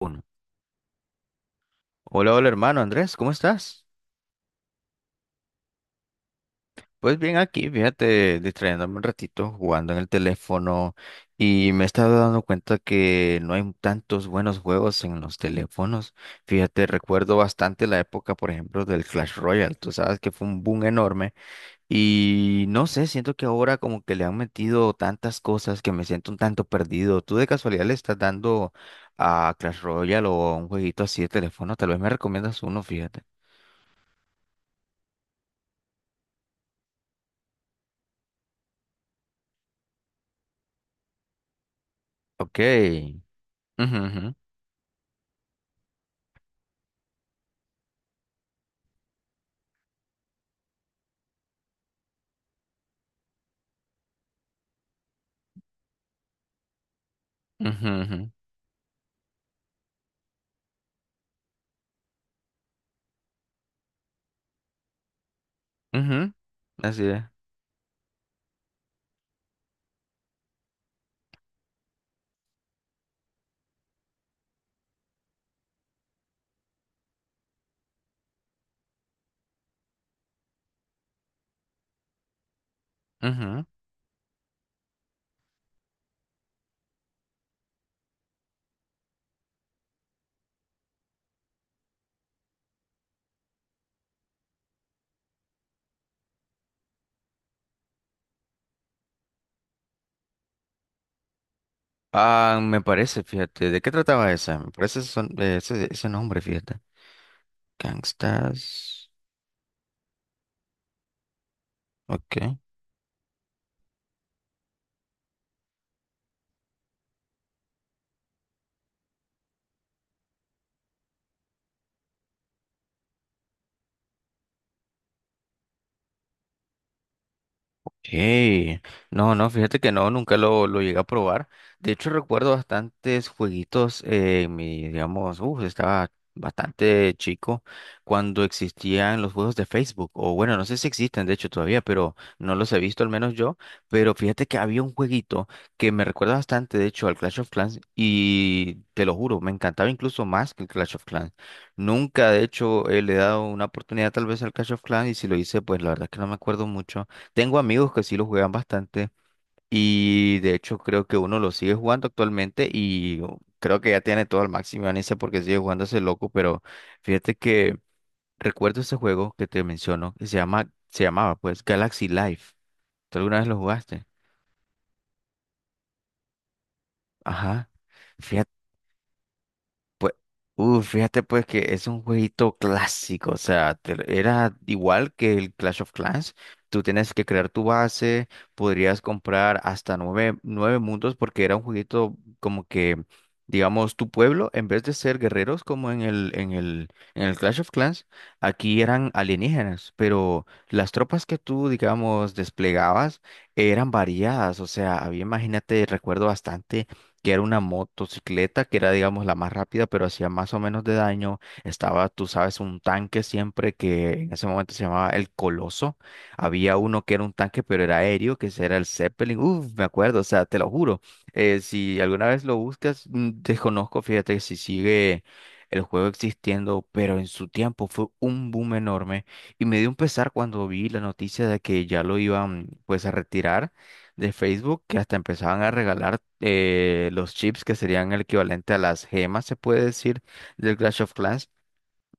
Uno. Hola, hola hermano Andrés, ¿cómo estás? Pues bien aquí, fíjate, distrayéndome un ratito, jugando en el teléfono y me he estado dando cuenta que no hay tantos buenos juegos en los teléfonos. Fíjate, recuerdo bastante la época, por ejemplo, del Clash Royale, tú sabes que fue un boom enorme y no sé, siento que ahora como que le han metido tantas cosas que me siento un tanto perdido. ¿Tú de casualidad le estás dando a Clash Royale o a un jueguito así de teléfono? Tal vez me recomiendas uno, fíjate. Ok. Ujú, ujú, ujú, ujú, ujú. Así es. Ujú. Ah, me parece, fíjate. ¿De qué trataba esa? Me parece ese nombre, fíjate. Gangstas. Ok. Hey, no, no, fíjate que no, nunca lo llegué a probar. De hecho, recuerdo bastantes jueguitos en mi, digamos, estaba bastante chico cuando existían los juegos de Facebook. O bueno, no sé si existen, de hecho, todavía, pero no los he visto, al menos yo. Pero fíjate que había un jueguito que me recuerda bastante, de hecho, al Clash of Clans. Y te lo juro, me encantaba incluso más que el Clash of Clans. Nunca, de hecho, le he dado una oportunidad tal vez al Clash of Clans. Y si lo hice, pues la verdad es que no me acuerdo mucho, tengo amigos que sí lo juegan bastante y de hecho creo que uno lo sigue jugando actualmente y creo que ya tiene todo al máximo ganancia porque sigue jugando ese loco, pero fíjate que recuerdo ese juego que te menciono que se llamaba pues Galaxy Life. ¿Tú alguna vez lo jugaste? Ajá. Pues, fíjate pues que es un jueguito clásico, o sea, era igual que el Clash of Clans. Tú tienes que crear tu base, podrías comprar hasta nueve mundos porque era un jueguito como que, digamos, tu pueblo, en vez de ser guerreros como en el Clash of Clans, aquí eran alienígenas, pero las tropas que tú, digamos, desplegabas eran variadas, o sea, había, imagínate, recuerdo bastante que era una motocicleta, que era, digamos, la más rápida, pero hacía más o menos de daño. Estaba, tú sabes, un tanque siempre que en ese momento se llamaba el Coloso. Había uno que era un tanque, pero era aéreo, que ese era el Zeppelin. Uf, me acuerdo, o sea, te lo juro. Si alguna vez lo buscas, desconozco, fíjate si sigue el juego existiendo, pero en su tiempo fue un boom enorme. Y me dio un pesar cuando vi la noticia de que ya lo iban, pues, a retirar de Facebook, que hasta empezaban a regalar los chips que serían el equivalente a las gemas, se puede decir, del Clash of Clans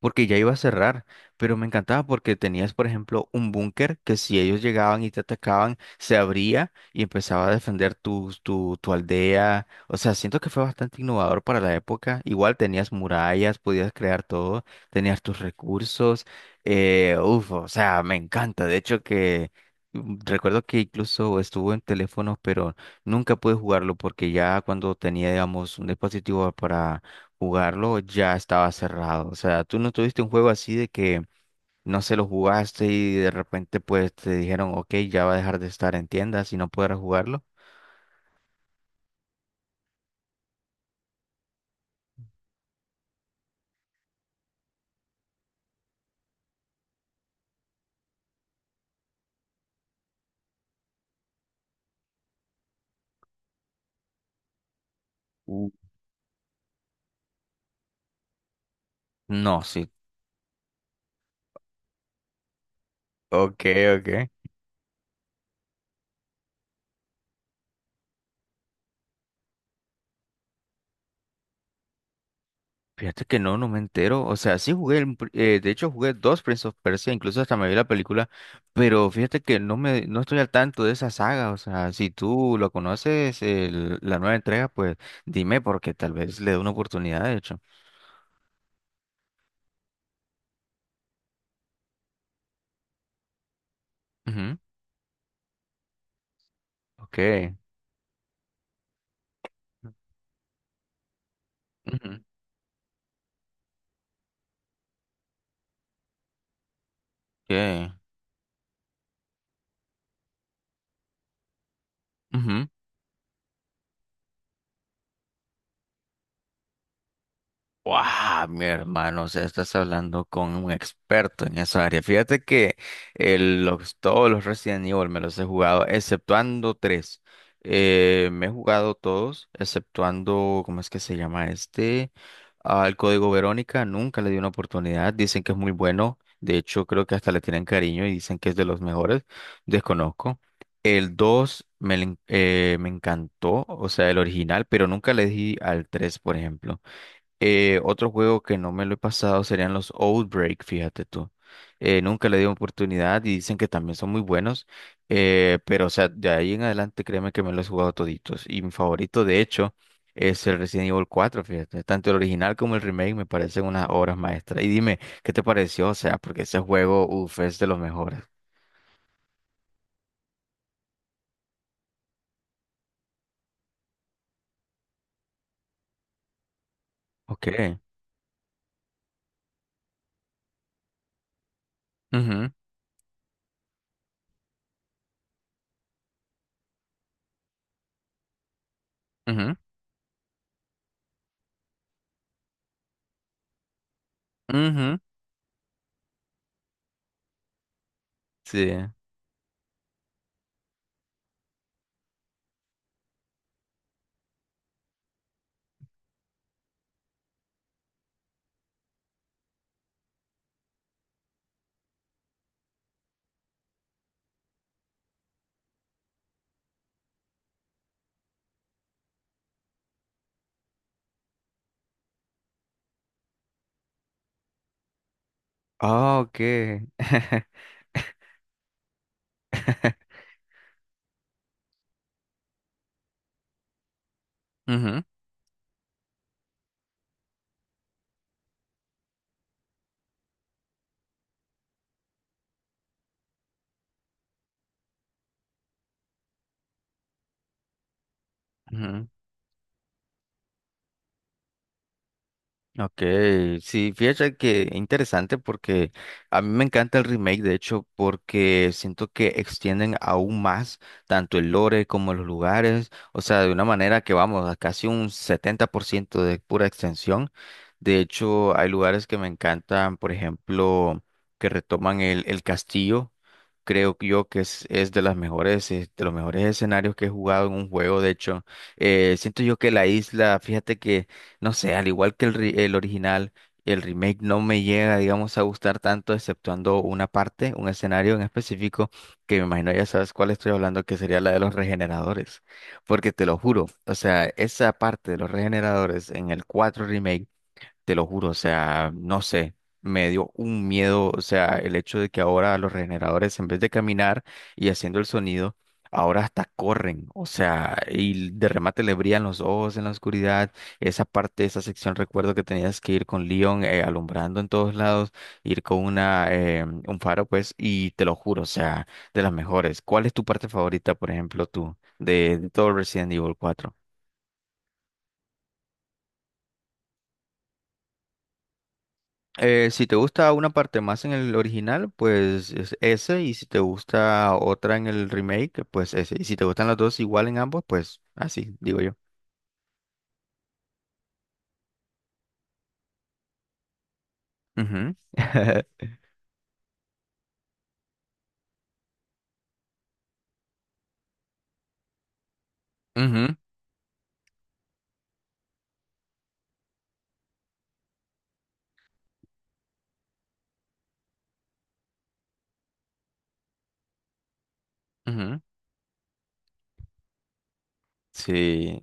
porque ya iba a cerrar, pero me encantaba porque tenías, por ejemplo, un búnker que si ellos llegaban y te atacaban, se abría y empezaba a defender tu aldea. O sea, siento que fue bastante innovador para la época. Igual tenías murallas, podías crear todo, tenías tus recursos. Uf, o sea, me encanta. De hecho que. Recuerdo que incluso estuvo en teléfonos, pero nunca pude jugarlo porque ya cuando tenía, digamos, un dispositivo para jugarlo ya estaba cerrado. O sea, tú no tuviste un juego así de que no se lo jugaste y de repente pues te dijeron, ok, ya va a dejar de estar en tiendas y no podrás jugarlo. Uh, No, sí. Ok, ok. Fíjate que no, no me entero. O sea, sí jugué, de hecho jugué dos Prince of Persia, incluso hasta me vi la película, pero fíjate que no estoy al tanto de esa saga. O sea, si tú lo conoces, la nueva entrega, pues dime porque tal vez le dé una oportunidad, de hecho. Ujú. Ok. Ujú. Okay. Ujú. Wow, mi hermano, o sea, estás hablando con un experto en esa área. Fíjate que todos los Resident Evil me los he jugado, exceptuando 3. Me he jugado todos, exceptuando, ¿cómo es que se llama este? Al Código Verónica, nunca le di una oportunidad. Dicen que es muy bueno. De hecho, creo que hasta le tienen cariño y dicen que es de los mejores. Desconozco. El 2, me encantó, o sea, el original, pero nunca le di al 3, por ejemplo. Otro juego que no me lo he pasado serían los Outbreak, fíjate tú. Nunca le di oportunidad y dicen que también son muy buenos, pero o sea, de ahí en adelante créeme que me los he jugado toditos. Y mi favorito, de hecho, es el Resident Evil 4, fíjate. Tanto el original como el remake me parecen unas obras maestras. Y dime, ¿qué te pareció? O sea, porque ese juego, uff, es de los mejores. Ok. Ujú, ujú, ujú. Sí. Ah, ok. Ujú, ujú. Ok, sí, fíjate que interesante porque a mí me encanta el remake, de hecho, porque siento que extienden aún más tanto el lore como los lugares, o sea, de una manera que vamos a casi un 70% de pura extensión. De hecho, hay lugares que me encantan, por ejemplo, que retoman el castillo. Creo que yo que es de las mejores, de los mejores escenarios que he jugado en un juego. De hecho, siento yo que la isla, fíjate que no sé, al igual que el original, el remake no me llega, digamos, a gustar tanto, exceptuando una parte, un escenario en específico, que me imagino ya sabes cuál estoy hablando, que sería la de los regeneradores. Porque te lo juro, o sea, esa parte de los regeneradores en el 4 remake, te lo juro, o sea, no sé, me dio un miedo, o sea, el hecho de que ahora los regeneradores, en vez de caminar y haciendo el sonido, ahora hasta corren, o sea, y de remate le brillan los ojos en la oscuridad, esa parte, esa sección, recuerdo que tenías que ir con Leon alumbrando en todos lados, ir con una, un faro, pues, y te lo juro, o sea, de las mejores. ¿Cuál es tu parte favorita, por ejemplo, tú, de todo Resident Evil 4? Si te gusta una parte más en el original, pues es ese. Y si te gusta otra en el remake, pues ese. Y si te gustan las dos igual en ambos, pues así, digo yo. Ujú. Ujú, ujú. Sí.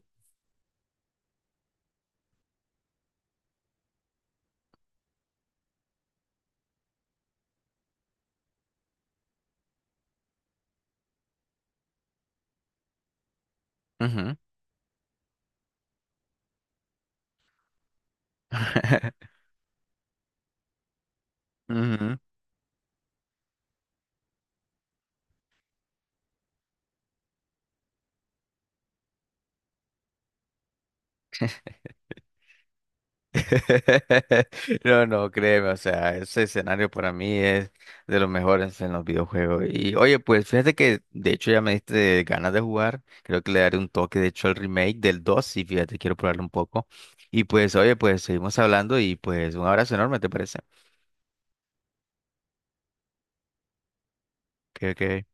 Ujú. Ujú. No, no, créeme, o sea, ese escenario para mí es de los mejores en los videojuegos. Y oye, pues fíjate que de hecho ya me diste ganas de jugar, creo que le daré un toque, de hecho, al remake del 2, y fíjate, quiero probarlo un poco. Y pues, oye, pues seguimos hablando y pues un abrazo enorme, ¿te parece? Ok, ok.